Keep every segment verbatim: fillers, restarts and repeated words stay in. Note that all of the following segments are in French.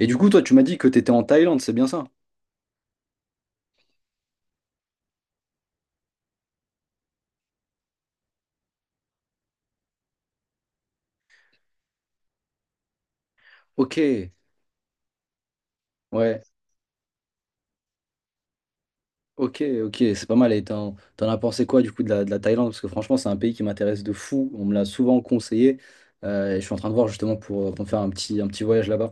Et du coup, toi, tu m'as dit que tu étais en Thaïlande, c'est bien ça? Ok, ouais, ok, ok, c'est pas mal. Et t'en, t'en as pensé quoi du coup de la, de la Thaïlande? Parce que franchement, c'est un pays qui m'intéresse de fou. On me l'a souvent conseillé. Euh, et je suis en train de voir justement pour, euh, pour me faire un petit, un petit voyage là-bas.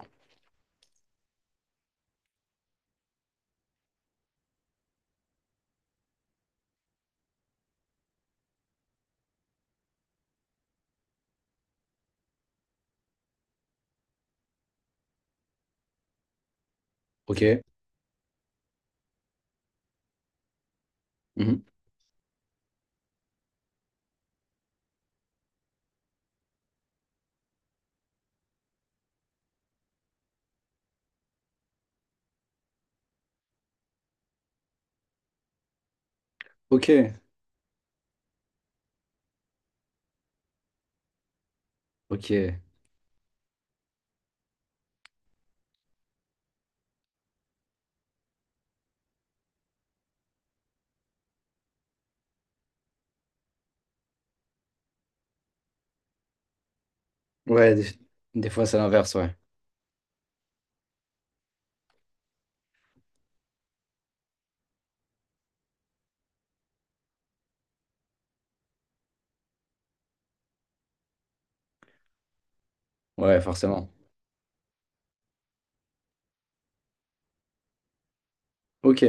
Ok. Mhm. Ok, ok. Ouais, des, des fois c'est l'inverse, ouais. Ouais, forcément. Ok,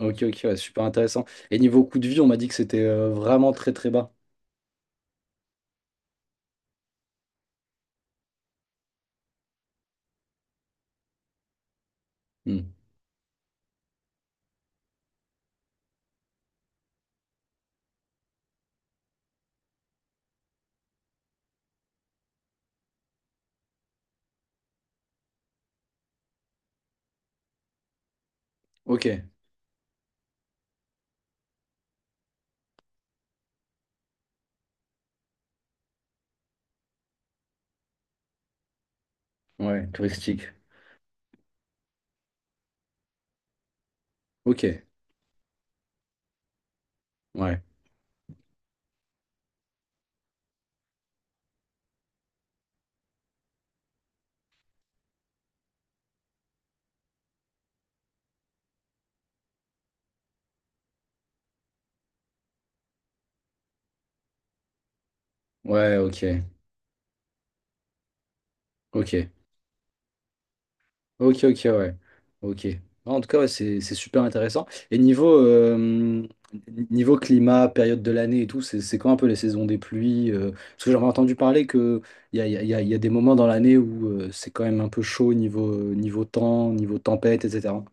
ok, ok, ouais, super intéressant. Et niveau coût de vie, on m'a dit que c'était euh, vraiment très très bas. Hmm. Ok, ouais, touristique. Ok, ouais, ouais, ok, ok. Ok, ok, ouais. Ok. En tout cas, ouais, c'est c'est super intéressant. Et niveau, euh, niveau climat, période de l'année et tout, c'est c'est quand un peu les saisons des pluies, euh, Parce que j'avais entendu parler qu'il y a, y a, y a y a des moments dans l'année où euh, c'est quand même un peu chaud niveau, euh, niveau temps, niveau tempête, et cetera.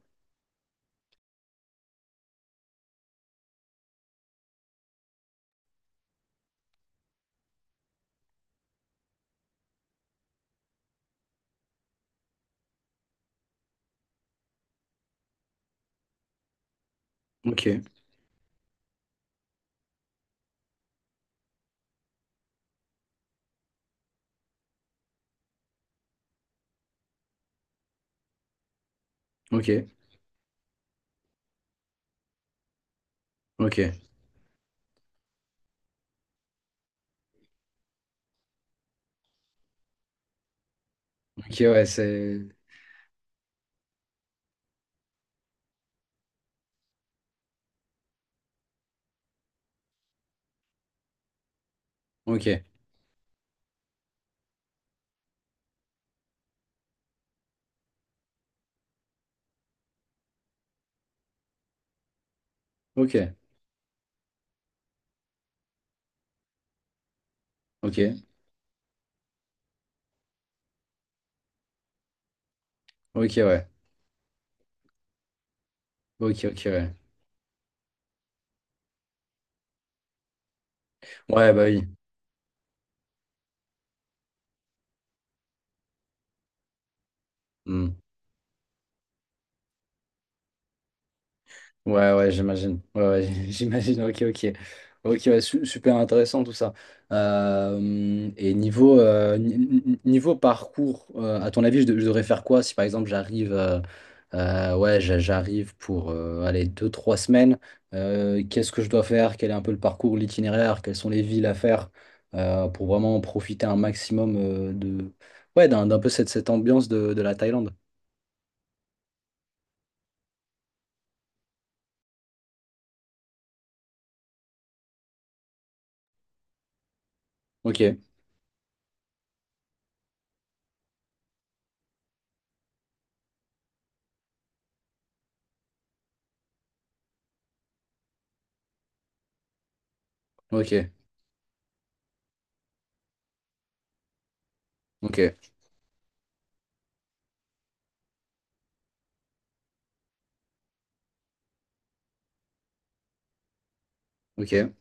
Ok, ok, ok. Ok, ouais, c'est. Ok, ok, ok, ok, ouais. Ok, ok, ouais. Ouais, bah oui. Mmh. Ouais, ouais, j'imagine. Ouais, ouais, j'imagine. Ok, ok. Ok, ouais, su- super intéressant tout ça. Euh, et niveau, euh, ni- ni- niveau parcours, euh, à ton avis, je, de- je devrais faire quoi si par exemple j'arrive euh, euh, ouais, j'a- j'arrive pour euh, aller deux, trois semaines. Euh, qu'est-ce que je dois faire? Quel est un peu le parcours, l'itinéraire? Quelles sont les villes à faire euh, pour vraiment profiter un maximum euh, de ouais, d'un, d'un peu cette, cette ambiance de, de la Thaïlande. Ok, ok, ok, ok,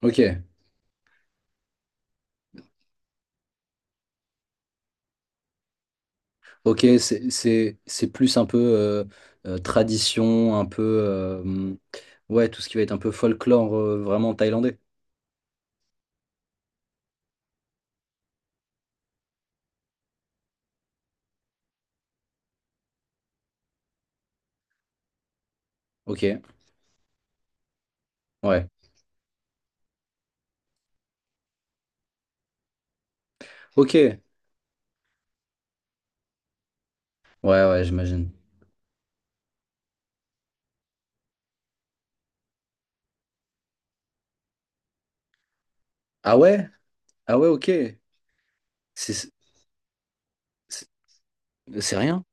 ok. Ok, c'est c'est- c'est plus un peu euh, euh, tradition, un peu euh, ouais, tout ce qui va être un peu folklore euh, vraiment thaïlandais. Ok, ouais, ok, ouais, ouais, j'imagine. Ah ouais, ah ouais, ok, c'est c'est- c'est rien.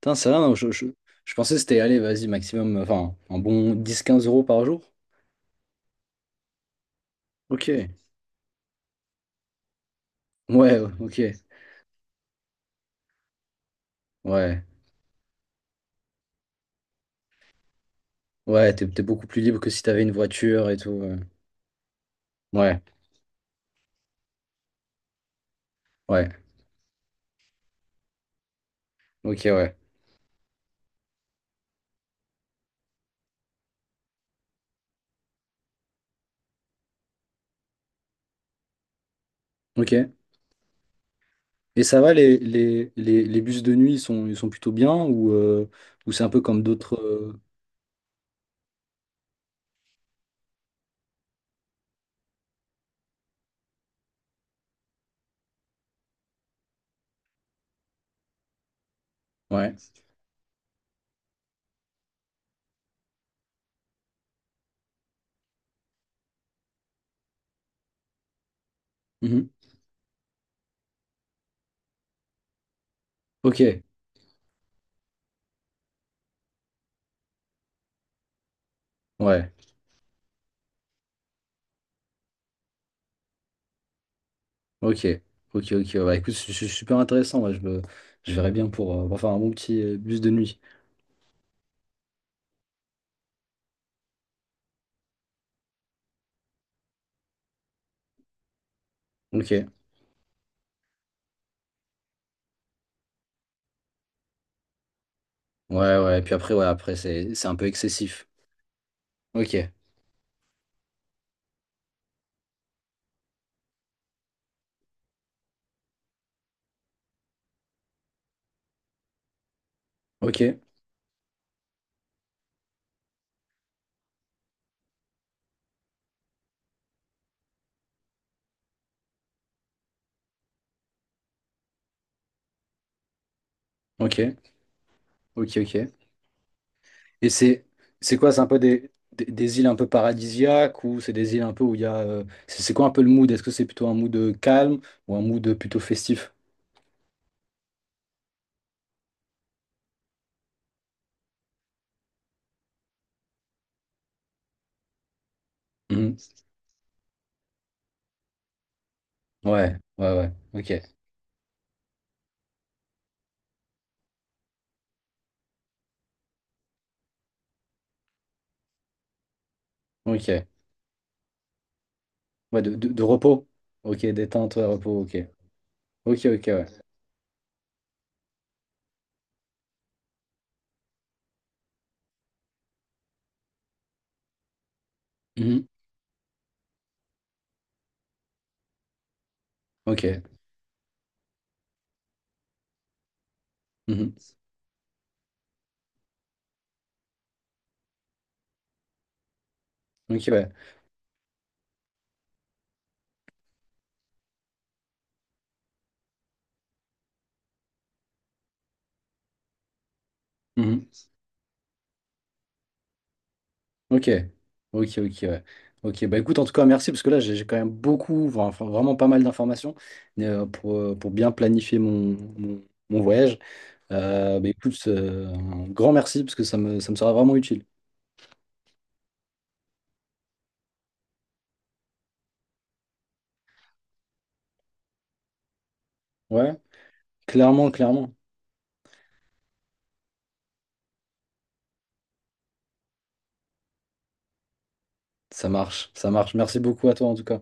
Putain, c'est rien. Je, je, je pensais que c'était allez, vas-y, maximum, enfin, un bon dix quinze euros par jour. Ok, ouais, ok, ouais, ouais, t'es t'es beaucoup plus libre que si t'avais une voiture et tout. euh. Ouais, ouais, ok, ouais, ok. Et ça va, les, les, les, les bus de nuit, ils sont, ils sont plutôt bien ou, euh, ou c'est un peu comme d'autres. euh, Ouais. Mhm. Ok. Ouais. Ok. Ok, ok. Ouais, bah, écoute, c'est c'est super intéressant. Ouais, je me- je verrais bien pour, euh, pour faire un bon petit euh, bus de nuit. Ok. Ouais, ouais. Et puis après, ouais, après, c'est, c'est un peu excessif. Ok. Ok. Ok. Ok, ok. Et c'est, c'est quoi? C'est un peu des, des, des îles un peu paradisiaques ou c'est des îles un peu où il y a. euh, C'est c'est quoi un peu le mood? Est-ce que c'est plutôt un mood euh, calme ou un mood euh, plutôt festif? Mhm. Ouais, ouais, ouais. Ok, ok. Ouais, de, de, de repos. Ok, détente, ouais, repos, ok. Ok, ok, ouais. Mhm. Ok. Mhm. Ok, ouais. Mhm. Ok. Ok, ok, ouais. Ok, bah écoute, en tout cas, merci, parce que là, j'ai j'ai quand même beaucoup, enfin, enfin, vraiment pas mal d'informations euh, pour, euh, pour bien planifier mon, mon, mon voyage. Euh, bah écoute, euh, un grand merci, parce que ça me, ça me sera vraiment utile. Ouais, clairement, clairement. Ça marche, ça marche. Merci beaucoup à toi, en tout cas.